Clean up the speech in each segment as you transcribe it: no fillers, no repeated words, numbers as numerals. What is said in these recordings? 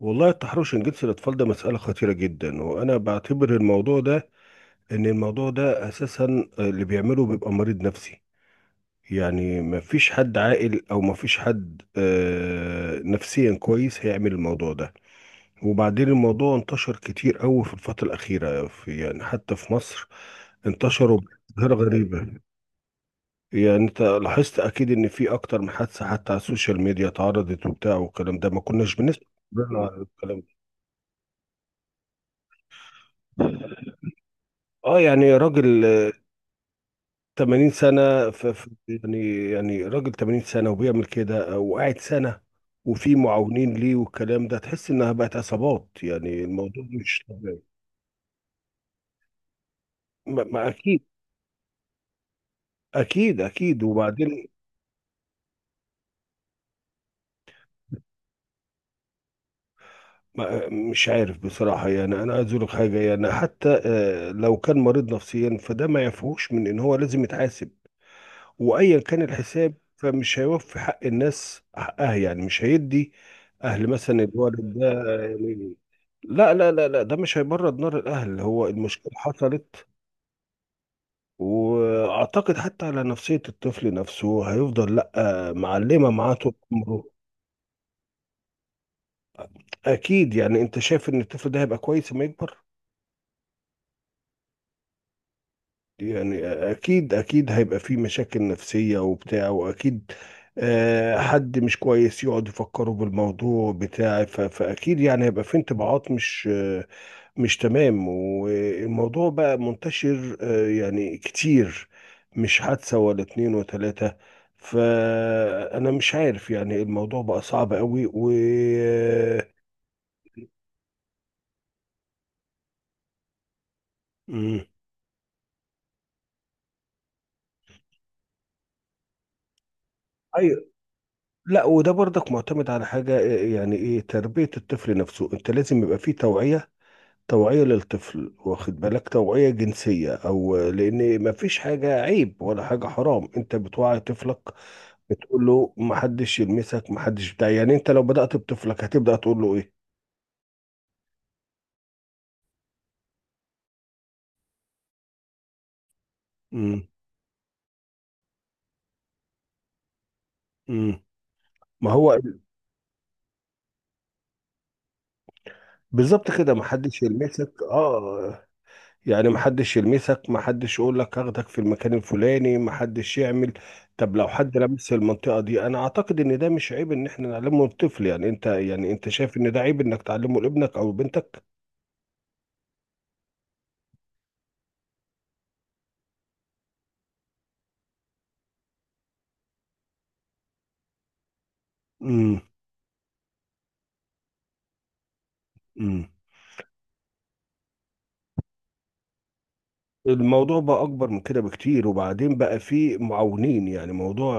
والله التحرش الجنسي للأطفال ده مسألة خطيرة جدا، وأنا بعتبر الموضوع ده إن الموضوع ده أساسا اللي بيعمله بيبقى مريض نفسي. يعني مفيش حد عاقل أو مفيش حد نفسيا كويس هيعمل الموضوع ده. وبعدين الموضوع انتشر كتير أوي في الفترة الأخيرة، في يعني حتى في مصر انتشروا بظاهرة غريبة. يعني أنت لاحظت أكيد إن في أكتر من حادثة حتى على السوشيال ميديا اتعرضت وبتاع، والكلام ده ما كناش بنسمع عن الكلام ده. اه يعني راجل 80 سنة يعني يعني راجل 80 سنة وبيعمل كده وقاعد سنة، وفي معاونين ليه والكلام ده، تحس انها بقت عصابات، يعني الموضوع مش طبيعي. ما اكيد اكيد اكيد. وبعدين ما مش عارف بصراحة، يعني انا عايز اقول لك حاجة، يعني حتى لو كان مريض نفسيا فده ما يعفوش من ان هو لازم يتحاسب. وايا كان الحساب فمش هيوفي حق الناس حقها، يعني مش هيدي اهل مثلا الولد ده يعني. لا لا لا لا، ده مش هيبرد نار الاهل، هو المشكله حصلت. واعتقد حتى على نفسيه الطفل نفسه هيفضل لا معلمه معاه طول عمره. اكيد. يعني انت شايف ان الطفل ده هيبقى كويس لما يكبر؟ يعني اكيد اكيد هيبقى فيه مشاكل نفسية وبتاع، واكيد حد مش كويس يقعد يفكره بالموضوع بتاع فاكيد يعني هيبقى فيه انطباعات مش مش تمام. والموضوع بقى منتشر يعني كتير، مش حادثة ولا اتنين وتلاتة. فانا مش عارف، يعني الموضوع بقى صعب قوي و. مم. أيوة. لا وده برضك معتمد على حاجة يعني ايه تربية الطفل نفسه. انت لازم يبقى فيه توعية، توعية للطفل، واخد بالك، توعية جنسية او لان ما فيش حاجة عيب ولا حاجة حرام، انت بتوعي طفلك، بتقول له ما حدش يلمسك ما حدش بتاع. يعني انت لو بدأت بطفلك هتبدأ تقول له ايه؟ امم. امم. ما هو. بالظبط كده، ما حدش يلمسك، اه يعني محدش يلمسك، محدش يقول لك اخدك في المكان الفلاني، محدش يعمل. طب لو حد لمس المنطقة دي، انا اعتقد ان ده مش عيب ان احنا نعلمه الطفل. يعني انت يعني انت شايف ان ده عيب انك تعلمه لابنك او بنتك؟ امم. امم. الموضوع بقى اكبر من كده بكتير. وبعدين بقى فيه معاونين، يعني موضوع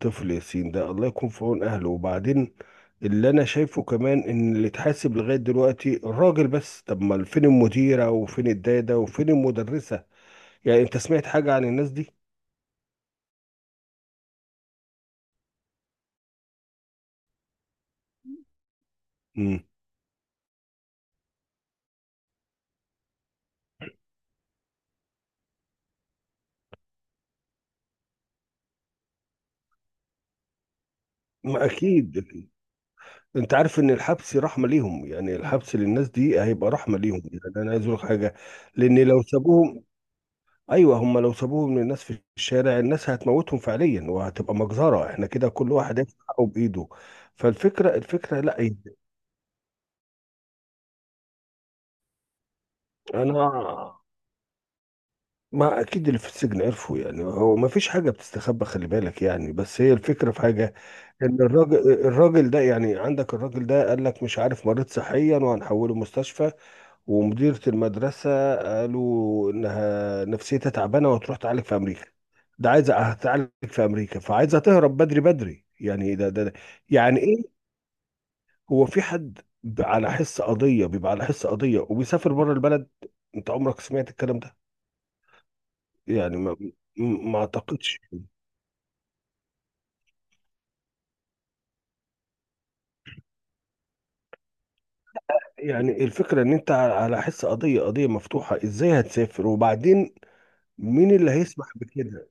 طفل ياسين ده الله يكون في عون اهله. وبعدين اللي انا شايفه كمان ان اللي اتحاسب لغاية دلوقتي الراجل بس، طب ما فين المديرة وفين الدادة وفين المدرسة؟ يعني انت سمعت حاجة عن الناس دي؟ امم. ما اكيد أكيد. انت عارف ان الحبس رحمة ليهم، يعني الحبس للناس دي هيبقى رحمة ليهم. يعني انا عايز اقول لك حاجة، لان لو سابوهم، ايوه هم لو سابوهم للناس في الشارع، الناس هتموتهم فعليا، وهتبقى مجزرة، احنا كده كل واحد هياخد حقه بايده. فالفكرة الفكرة لا. انا ما اكيد اللي في السجن عرفوا. يعني هو ما فيش حاجه بتستخبى، خلي بالك يعني. بس هي الفكره في حاجه، ان الراجل الراجل ده، يعني عندك الراجل ده قال لك مش عارف مريض صحيا وهنحوله مستشفى. ومديره المدرسه قالوا انها نفسيتها تعبانه وهتروح تعالج في امريكا. ده عايزه هتعالج في امريكا، فعايزه تهرب بدري بدري. يعني ده. يعني ايه؟ هو في حد على حس قضيه بيبقى على حس قضيه وبيسافر بره البلد؟ انت عمرك سمعت الكلام ده؟ يعني ما اعتقدش. يعني الفكرة ان انت على على حس قضية، قضية مفتوحة ازاي هتسافر؟ وبعدين مين اللي هيسمح بكده؟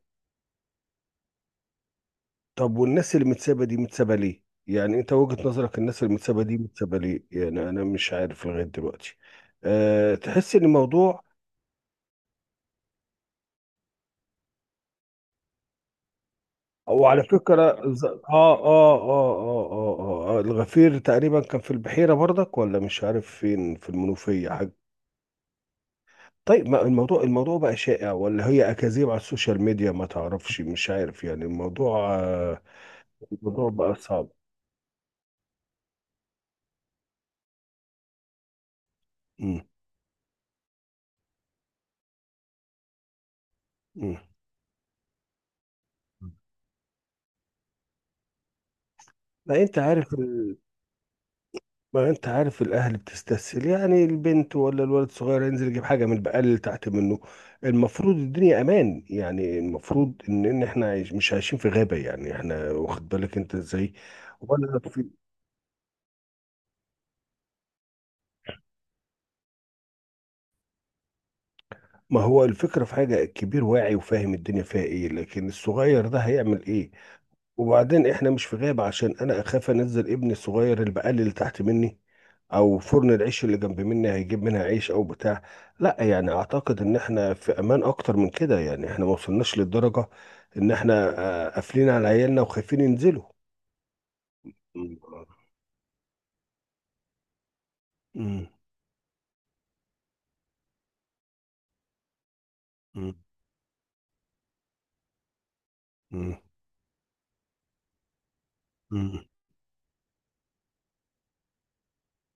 طب والناس اللي متسابة دي متسابة ليه؟ يعني انت وجهة نظرك الناس اللي متسابة دي متسابة ليه؟ يعني انا مش عارف لغاية دلوقتي. أه تحس ان الموضوع. او على فكرة الغفير تقريبا كان في البحيرة برضك ولا مش عارف فين، في المنوفية حاجة. طيب ما الموضوع، الموضوع بقى شائع ولا هي أكاذيب على السوشيال ميديا؟ ما تعرفش، مش عارف. يعني الموضوع الموضوع بقى صعب. مم. مم. ما انت عارف ما انت عارف الاهل بتستسهل، يعني البنت ولا الولد الصغير ينزل يجيب حاجه من البقال اللي تحت منه. المفروض الدنيا امان، يعني المفروض ان ان احنا عايش مش عايشين في غابه. يعني احنا واخد بالك انت ازاي؟ ولا في. ما هو الفكره في حاجه، الكبير واعي وفاهم الدنيا فيها ايه، لكن الصغير ده هيعمل ايه؟ وبعدين احنا مش في غابة عشان انا اخاف انزل ابني الصغير البقال اللي تحت مني او فرن العيش اللي جنب مني هيجيب منها عيش او بتاع. لا، يعني اعتقد ان احنا في امان اكتر من كده. يعني احنا ما وصلناش للدرجة ان احنا قافلين على عيالنا وخايفين ينزلوا. مم. مم. مم. مم.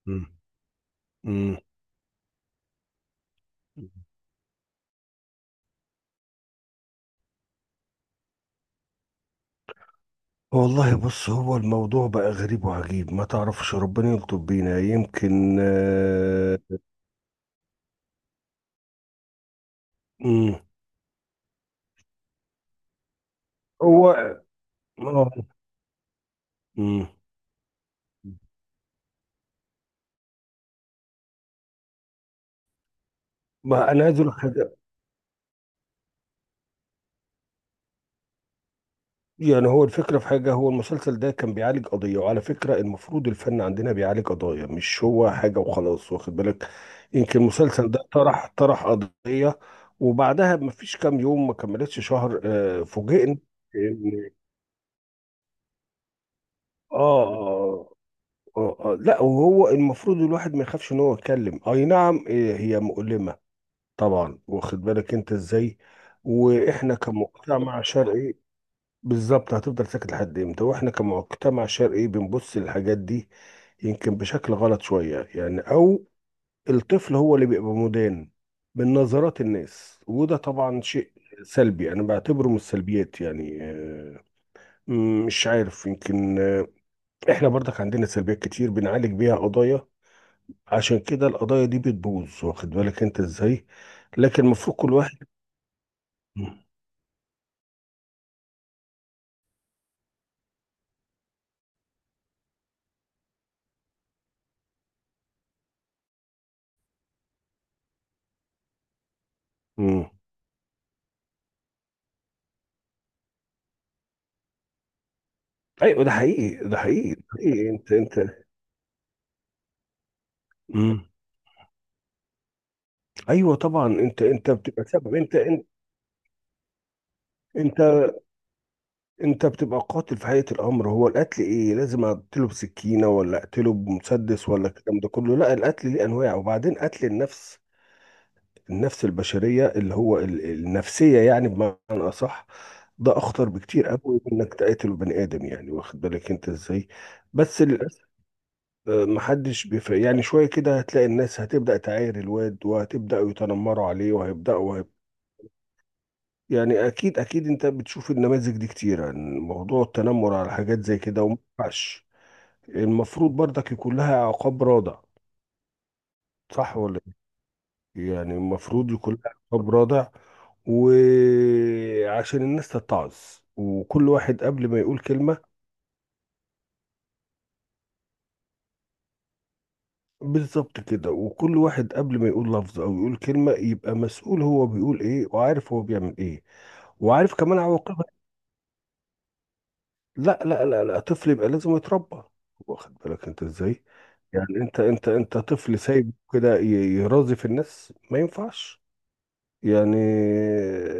مم. مم. والله بص، هو الموضوع بقى غريب وعجيب، ما تعرفش، ربنا يلطف بينا يمكن. مم. هو آه، مم. ما انا عايز اقول لك حاجه. يعني هو الفكره في حاجه، هو المسلسل ده كان بيعالج قضيه. وعلى فكره المفروض الفن عندنا بيعالج قضايا، مش هو حاجه وخلاص، واخد بالك. يمكن المسلسل ده طرح، طرح قضيه، وبعدها ما فيش كام يوم ما كملتش شهر فوجئنا إن- آه, آه, لا، وهو المفروض الواحد ما يخافش ان هو يتكلم. اي نعم هي مؤلمه طبعا، واخد بالك انت ازاي. واحنا كمجتمع شرقي، بالظبط هتفضل ساكت لحد امتى؟ واحنا كمجتمع شرقي بنبص للحاجات دي يمكن بشكل غلط شوية يعني، او الطفل هو اللي بيبقى مدان من نظرات الناس. وده طبعا شيء سلبي، انا بعتبره من السلبيات يعني. مش عارف يمكن. احنا برضك عندنا سلبيات كتير بنعالج بيها قضايا، عشان كده القضايا دي بتبوظ، واخد بالك انت ازاي. لكن المفروض كل واحد م- م. ايوه ده حقيقي ده حقيقي ده حقيقي، انت انت. مم. ايوه طبعا، انت انت بتبقى سبب، انت انت انت انت بتبقى قاتل في حقيقه الامر. هو القتل ايه؟ لازم اقتله بسكينه ولا اقتله بمسدس ولا الكلام ده كله؟ لا، القتل ليه انواع. وبعدين قتل النفس، النفس البشريه اللي هو النفسيه، يعني بمعنى اصح، ده اخطر بكتير قوي من انك تقتل بني ادم، يعني واخد بالك انت ازاي. بس للاسف محدش بيفرق. يعني شويه كده هتلاقي الناس هتبدا تعاير الواد وهتبداوا يتنمروا عليه وهيبداوا. يعني اكيد اكيد انت بتشوف النماذج دي كتير عن موضوع التنمر على حاجات زي كده، وما ينفعش. المفروض برضك يكون لها عقاب رادع. صح ولا إيه؟ يعني المفروض يكون لها عقاب رادع، وعشان الناس تتعظ، وكل واحد قبل ما يقول كلمة. بالظبط كده، وكل واحد قبل ما يقول لفظ او يقول كلمة يبقى مسؤول، هو بيقول ايه وعارف هو بيعمل ايه، وعارف كمان عواقبها. لا لا لا لا، طفل يبقى لازم يتربى، واخد بالك انت ازاي. يعني انت انت انت طفل سايب كده يرازي في الناس، ما ينفعش. يعني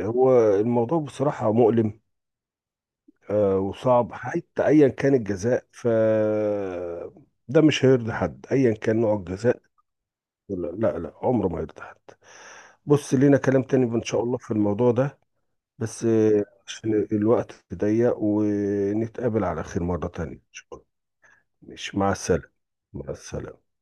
هو الموضوع بصراحة مؤلم وصعب. حتى ايا كان الجزاء ف ده مش هيرضي حد ايا كان نوع الجزاء. لا لا، عمره ما هيرضي حد. بص لينا كلام تاني ان شاء الله في الموضوع ده، بس عشان الوقت ضيق، ونتقابل على خير مرة تانية إن شاء الله. مش مع السلامة. مع السلامة.